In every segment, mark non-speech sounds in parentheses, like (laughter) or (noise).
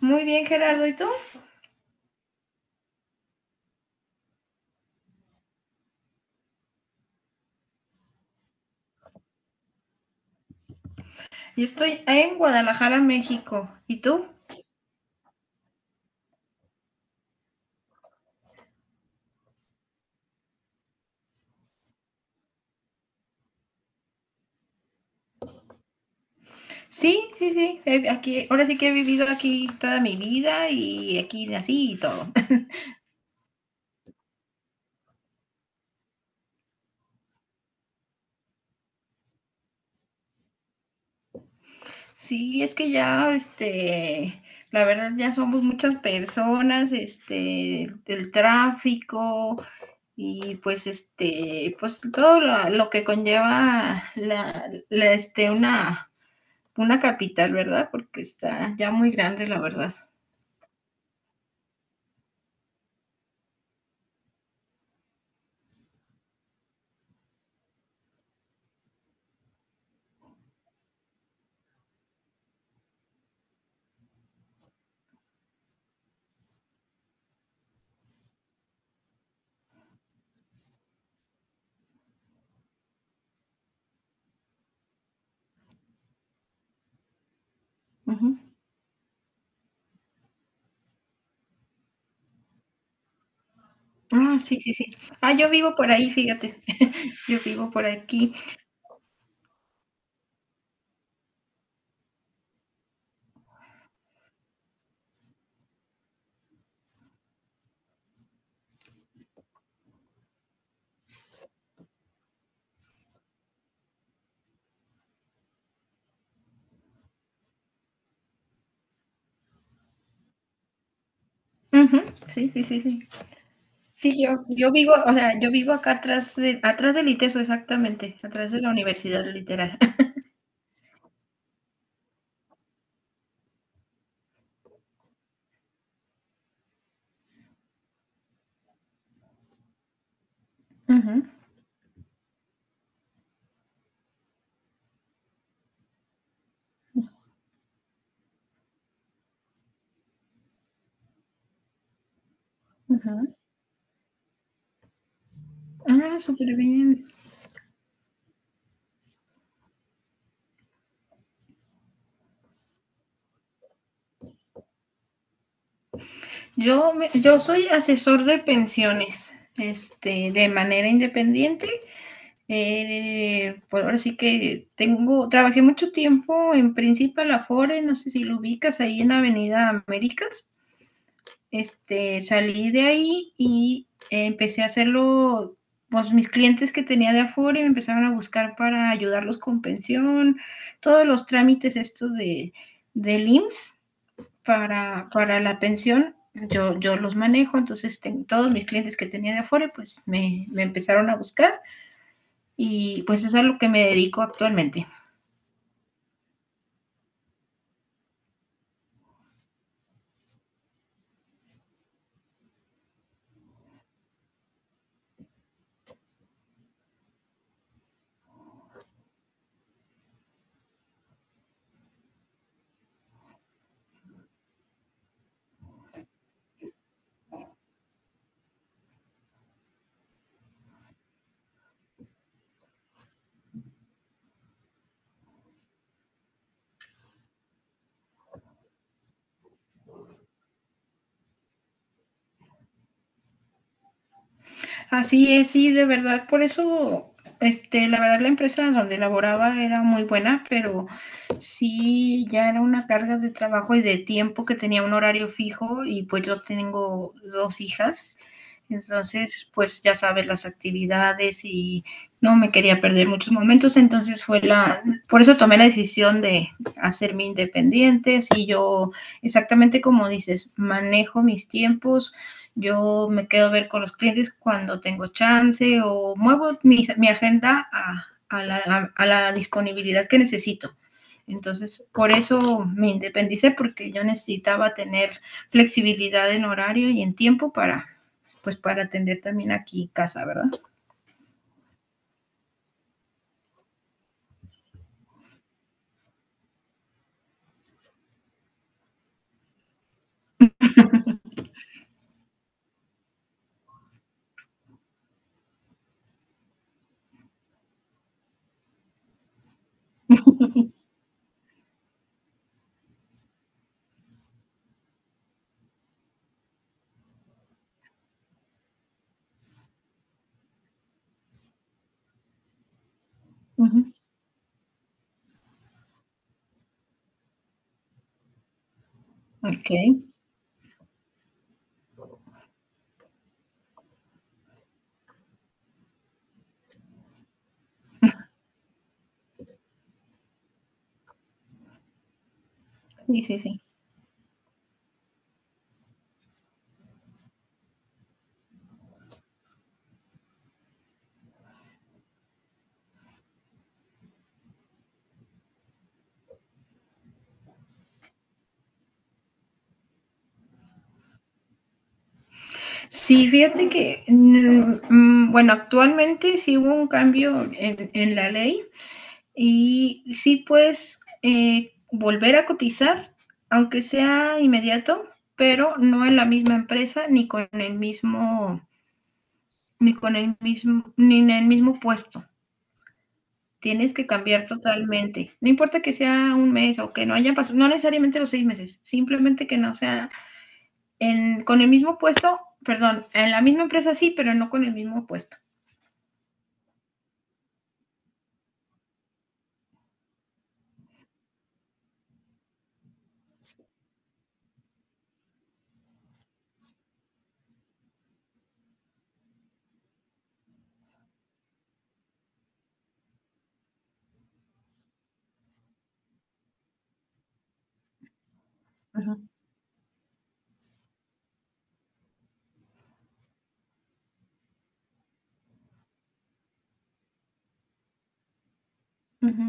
Muy bien, Gerardo. ¿Y tú? Yo estoy en Guadalajara, México. ¿Y tú? Sí, sí, sí. Aquí, ahora sí que he vivido aquí toda mi vida y aquí nací y todo. (laughs) Sí, es que ya, la verdad ya somos muchas personas, el tráfico y pues, pues todo lo que conlleva una capital, ¿verdad? Porque está ya muy grande, la verdad. Ujú. Ah, sí, sí, sí. Ah, yo vivo por ahí, fíjate. Yo vivo por aquí. Ujú, sí, sí, sí, sí. Sí, yo vivo, o sea, yo vivo acá atrás del ITESO, exactamente, atrás de la universidad, literal. (laughs) Ujú, ujú. Ah, súper bien. Yo soy asesor de pensiones, de manera independiente. Pues ahora sí que tengo, trabajé mucho tiempo en Principal Afore, no sé si lo ubicas ahí en Avenida Américas. Este, salí de ahí y empecé a hacerlo, pues mis clientes que tenía de afuera me empezaron a buscar para ayudarlos con pensión, todos los trámites del IMSS para la pensión, yo los manejo, entonces todos mis clientes que tenía de afuera, pues me empezaron a buscar y pues eso es a lo que me dedico actualmente. Así es, sí, de verdad, por eso, la verdad la empresa donde laboraba era muy buena, pero sí, ya era una carga de trabajo y de tiempo que tenía un horario fijo y pues yo tengo dos hijas, entonces pues ya sabes las actividades y no me quería perder muchos momentos, entonces por eso tomé la decisión de hacerme independiente, y yo exactamente como dices, manejo mis tiempos. Yo me quedo a ver con los clientes cuando tengo chance o muevo mi agenda a la disponibilidad que necesito. Entonces, por eso me independicé, porque yo necesitaba tener flexibilidad en horario y en tiempo para, pues, para atender también aquí casa, ¿verdad? Uh -huh. Ok. Sí, sí, sí. Sí, fíjate que, bueno, actualmente sí hubo un cambio en la ley. Y sí, pues volver a cotizar, aunque sea inmediato, pero no en la misma empresa ni con el mismo, ni en el mismo puesto. Tienes que cambiar totalmente. No importa que sea un mes o que no hayan pasado, no necesariamente los seis meses, simplemente que no sea en, con el mismo puesto, perdón, en la misma empresa sí, pero no con el mismo puesto. Ajá. Ujú.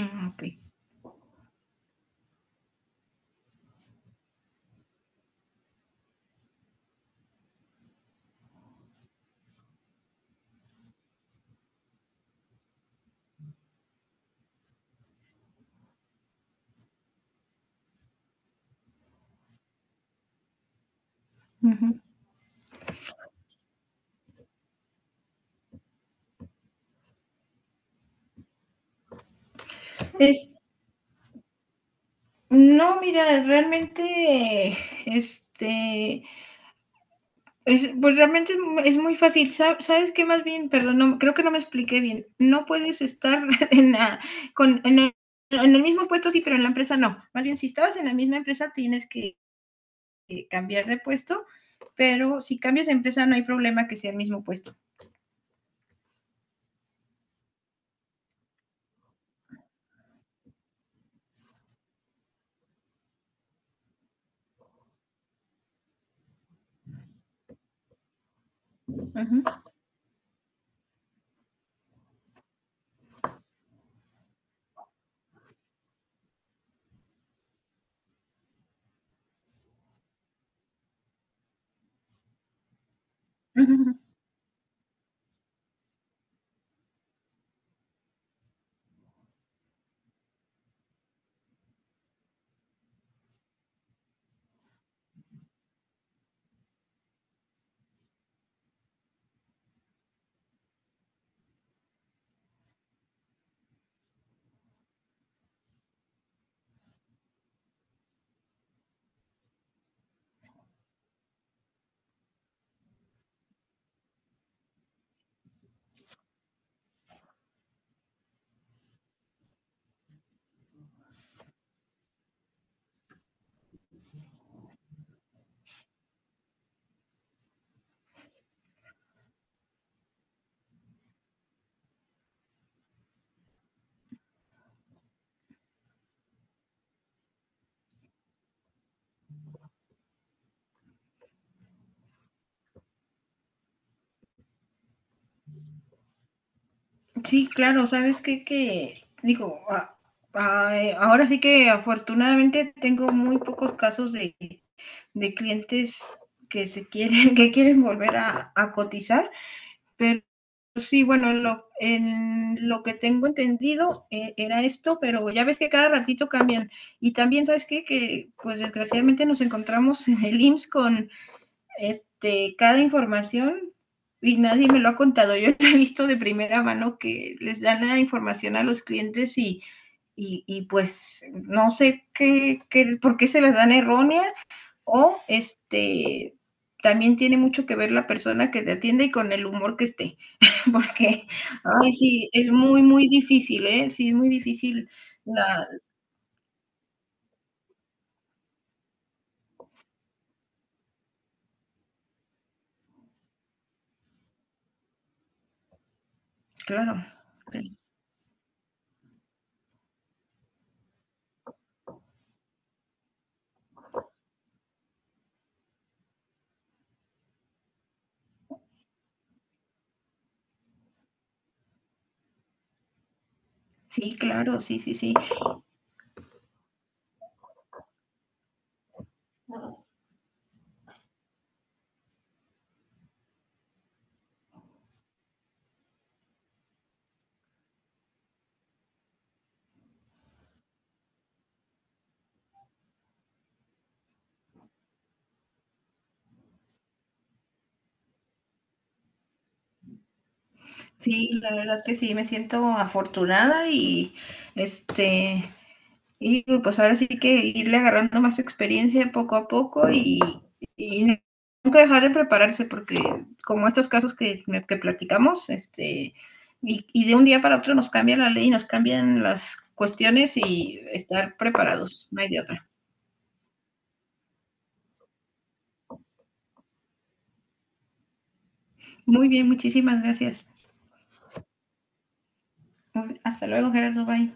Ah, ok. Ujú. Es, No, mira, realmente, este, pues es muy fácil. ¿Sabes qué? Más bien, perdón, no, creo que no me expliqué bien. No puedes estar (laughs) en la, con, en el mismo puesto, sí, pero en la empresa no. Más bien, si estabas en la misma empresa, tienes que cambiar de puesto, pero si cambias de empresa, no hay problema que sea el mismo puesto. Ujú, ujú, sí, claro, ¿sabes qué? Digo, ahora sí que afortunadamente tengo muy pocos casos de clientes que se quieren, (laughs) que quieren volver a cotizar, pero sí, bueno, en lo que tengo entendido era esto, pero ya ves que cada ratito cambian. Y también, ¿sabes qué? Que pues desgraciadamente nos encontramos en el IMSS con cada información y nadie me lo ha contado. Yo (laughs) he visto de primera mano que les dan la información a los clientes y pues no sé por qué se las dan errónea o también tiene mucho que ver la persona que te atiende y con el humor que esté, (laughs) porque ay, sí, es muy, muy difícil, ¿eh? Sí, es muy difícil la claro. Sí, claro, sí, sí, sí. Sí, la verdad es que sí, me siento afortunada y este y pues ahora sí que irle agarrando más experiencia poco a poco y nunca dejar de prepararse porque como estos casos que platicamos, y, de un día para otro nos cambia la ley, nos cambian las cuestiones y estar preparados, no hay de otra. Muy bien, muchísimas gracias. Hasta luego, Gerardo. Bye.